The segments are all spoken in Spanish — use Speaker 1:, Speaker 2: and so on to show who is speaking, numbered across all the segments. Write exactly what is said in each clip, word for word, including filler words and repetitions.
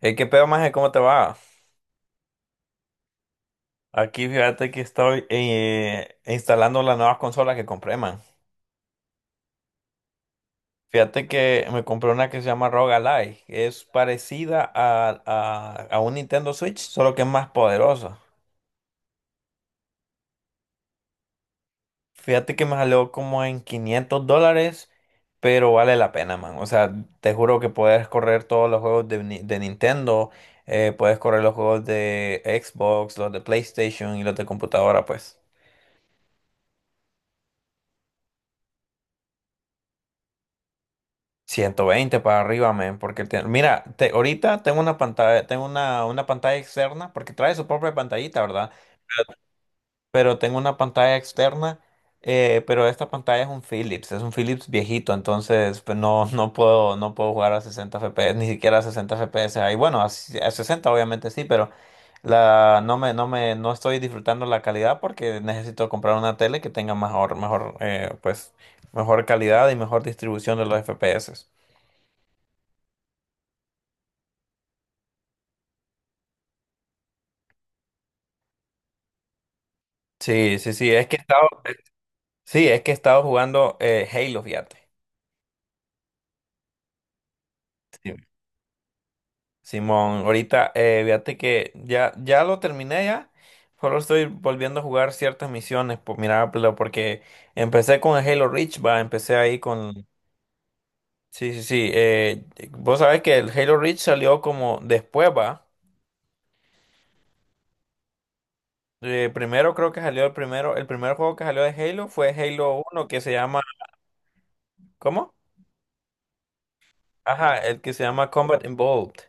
Speaker 1: Eh, ¿qué pedo, maje? ¿Cómo te va? Aquí fíjate que estoy eh, instalando las nuevas consolas que compré, man. Fíjate que me compré una que se llama ROG Ally. Es parecida a, a, a un Nintendo Switch, solo que es más poderosa. Fíjate que me salió como en quinientos dólares, pero vale la pena, man. O sea, te juro que puedes correr todos los juegos de, Ni- de Nintendo, eh, puedes correr los juegos de Xbox, los de PlayStation y los de computadora, pues. ciento veinte para arriba, men, porque te- mira, te- ahorita tengo una pantalla, tengo una, una pantalla externa, porque trae su propia pantallita, ¿verdad? Pero tengo una pantalla externa, eh, pero esta pantalla es un Philips, es un Philips viejito, entonces pues, no, no puedo, no puedo jugar a sesenta F P S, ni siquiera a sesenta F P S ahí. Bueno, a, si, a sesenta obviamente sí, pero la, no me, no me, no estoy disfrutando la calidad porque necesito comprar una tele que tenga mejor, mejor, eh, pues, mejor calidad y mejor distribución de los F P S. Sí, sí, sí, es que he estado, eh, sí, es que he estado jugando eh, Halo, fíjate. Sí. Simón, ahorita, eh, fíjate que ya, ya lo terminé ya, solo estoy volviendo a jugar ciertas misiones, por, mira, pero porque empecé con el Halo Reach, va, empecé ahí con, sí, sí, sí, eh, vos sabés que el Halo Reach salió como después, va. Eh, primero creo que salió el primero, el primer juego que salió de Halo fue Halo uno que se llama, ¿cómo? Ajá, el que se llama Combat Involved.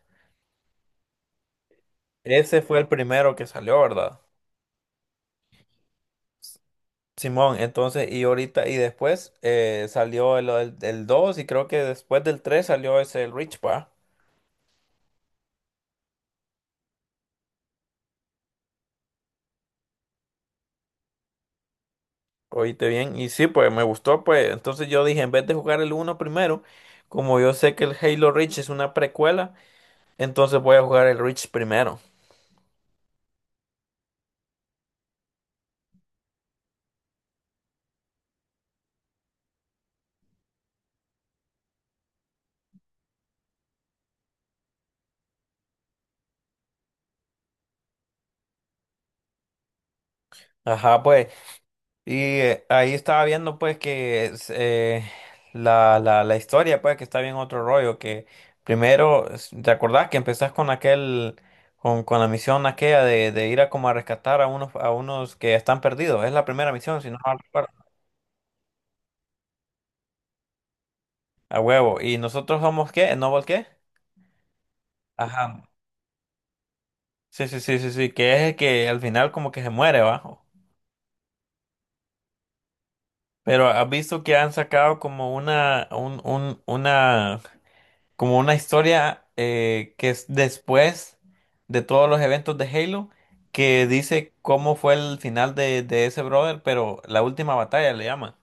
Speaker 1: Ese fue el primero que salió, ¿verdad? Simón, entonces, y ahorita, y después eh, salió el, el, el dos y creo que después del tres salió ese el Rich, pa. Oíste bien, y sí, pues me gustó, pues. Entonces yo dije, en vez de jugar el uno primero, como yo sé que el Halo Reach es una precuela, entonces voy a jugar el Reach primero. Ajá, pues. Y eh, ahí estaba viendo pues que es, eh, la, la, la historia pues que está bien otro rollo, que primero, es- ¿te acordás que empezás con aquel, con, con la misión aquella de, de ir a como a rescatar a unos, a unos que están perdidos? Es la primera misión, si no mal recuerdo. A huevo. ¿Y nosotros somos qué? ¿Noble qué? Ajá. Sí, sí, sí, sí, sí, que es el que al final como que se muere, bajo. Pero has visto que han sacado como una, un, un, una como una historia eh, que es después de todos los eventos de Halo, que dice cómo fue el final de, de ese brother, pero la última batalla le llama.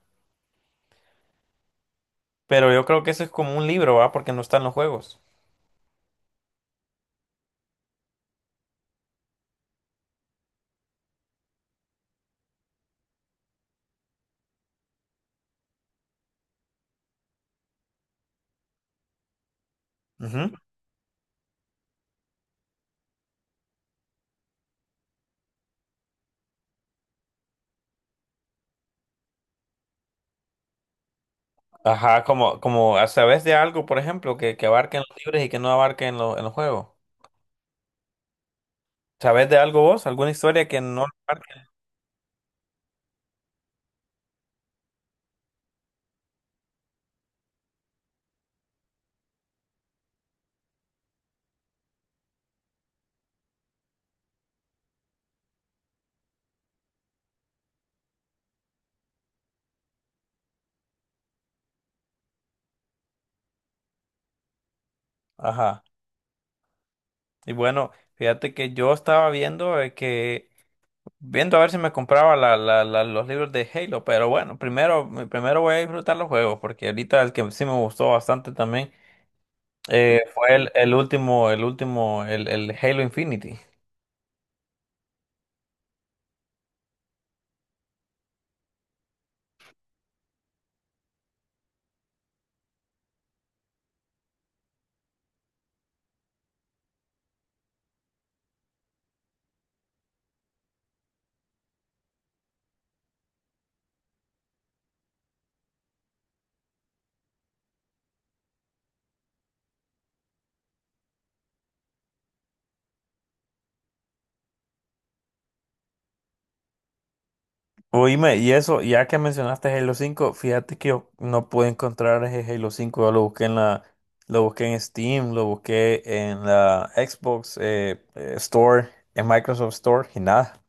Speaker 1: Pero yo creo que eso es como un libro, ¿va? Porque no están los juegos. Ujú. Ajá, como, como sabes de algo, por ejemplo, que, que abarque en los libros y que no abarque en, lo- en los juegos. ¿Sabes de algo vos? ¿Alguna historia que no abarque? Ajá. Y bueno, fíjate que yo estaba viendo eh, que viendo a ver si me compraba la- la- la- los libros de Halo, pero bueno, primero, primero voy a disfrutar los juegos, porque ahorita el que sí me gustó bastante también eh, fue el, el último, el último, el, el Halo Infinity. Oíme, y eso, ya que mencionaste Halo cinco fíjate que yo no pude encontrar ese Halo cinco yo lo busqué en la, lo busqué en Steam, lo busqué en la Xbox eh, eh, Store, en Microsoft Store, y nada.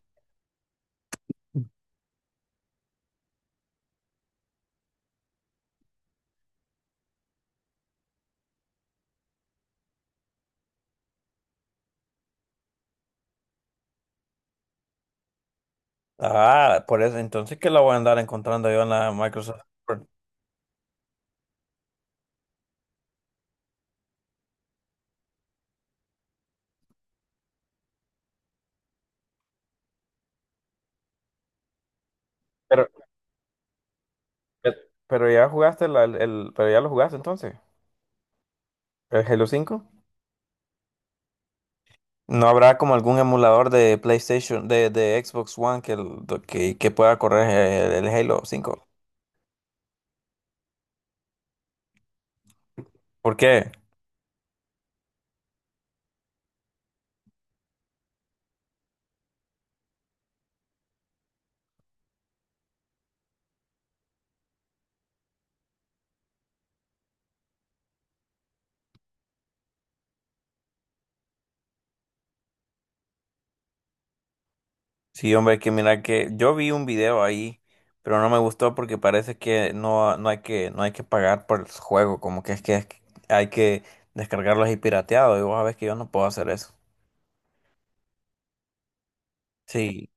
Speaker 1: Ah, por eso, entonces que lo voy a andar encontrando yo en la Microsoft Store. Pe- Pero ya jugaste la- el, el- pero ya lo jugaste entonces. ¿El Halo cinco? ¿No habrá como algún emulador de PlayStation, de, de Xbox One que, el- que, que pueda correr el, el Halo cinco? ¿Por qué? Sí, hombre, que mira que yo vi un video ahí, pero no me gustó porque parece que no, no hay que, no hay que pagar por el juego, como que es que hay que descargarlo ahí pirateado, y vos sabés que yo no puedo hacer eso. Sí,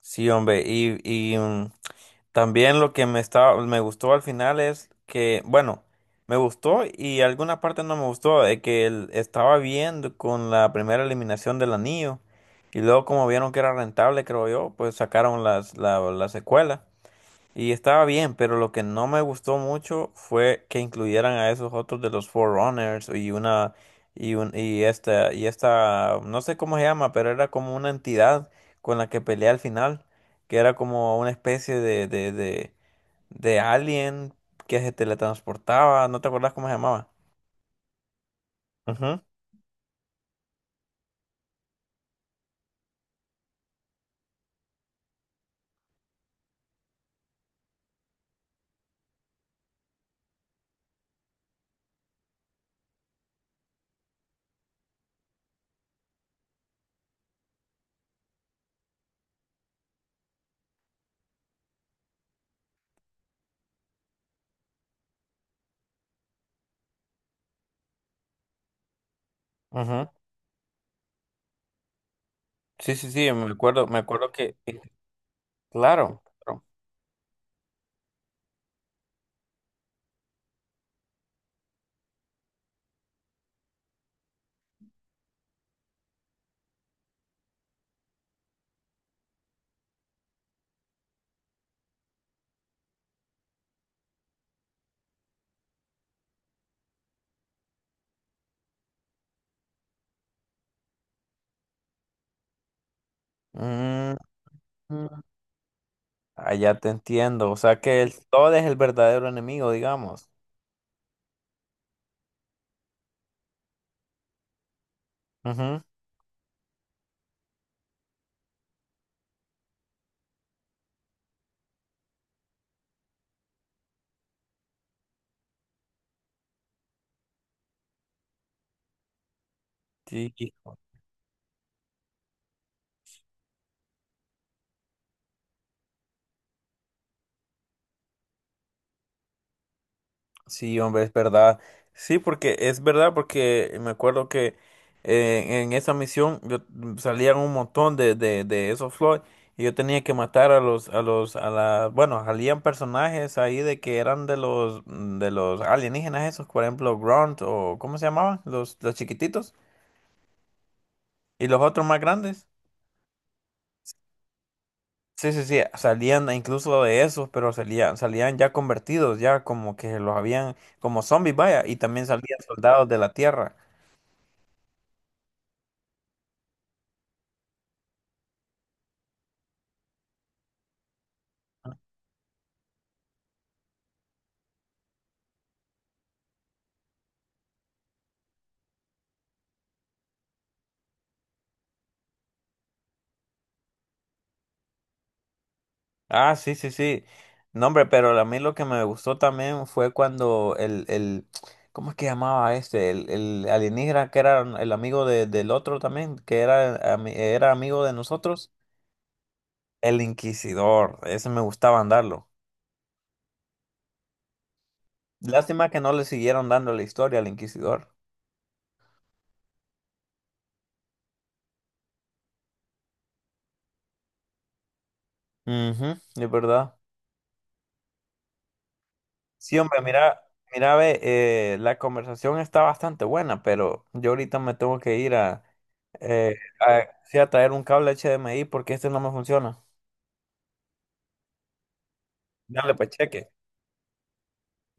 Speaker 1: sí, hombre, y, y, mm, también lo que me estaba, me gustó al final es que, bueno, me gustó y alguna parte no me gustó, de que él estaba viendo con la primera eliminación del anillo y luego como vieron que era rentable, creo yo, pues sacaron las, la, la secuela. Y estaba bien, pero lo que no me gustó mucho fue que incluyeran a esos otros de los Forerunners y una y un y esta y esta no sé cómo se llama, pero era como una entidad con la que peleé al final, que era como una especie de de de, de alien que se teletransportaba, ¿no te acordás cómo se llamaba? Ujú, ujú. Sí, sí, sí, me acuerdo, me acuerdo que eh, claro. Claro. Mm, allá te entiendo, o sea que el Todd es el verdadero enemigo, digamos. Ujú, sí, hijo. Sí, hombre, es verdad. Sí, porque es verdad, porque me acuerdo que eh, en esa misión yo, mm, salían un montón de, de, de esos Floyd y yo tenía que matar a los, a los, a la, bueno, salían personajes ahí de que eran de los, mm, de los alienígenas esos, por ejemplo, Grunt o ¿cómo se llamaban? Los, los chiquititos y los otros más grandes. Sí, sí, sí, salían incluso de esos, pero salían, salían ya convertidos, ya como que los habían, como zombies, vaya, y también salían soldados de la tierra. Ah, sí, sí, sí. No, hombre, pero a mí lo que me gustó también fue cuando el, el, ¿cómo es que llamaba este? El, el alienígena que era el amigo de- del otro también, que era, ami- era amigo de nosotros, el Inquisidor, ese me gustaba andarlo. Lástima que no le siguieron dando la historia al Inquisidor. Mhm, es verdad. Sí, hombre, mira, mira, ve, eh, la conversación está bastante buena, pero yo ahorita me tengo que ir a, eh, a, sí, a traer un cable H D M I porque este no me funciona. Dale, pues cheque.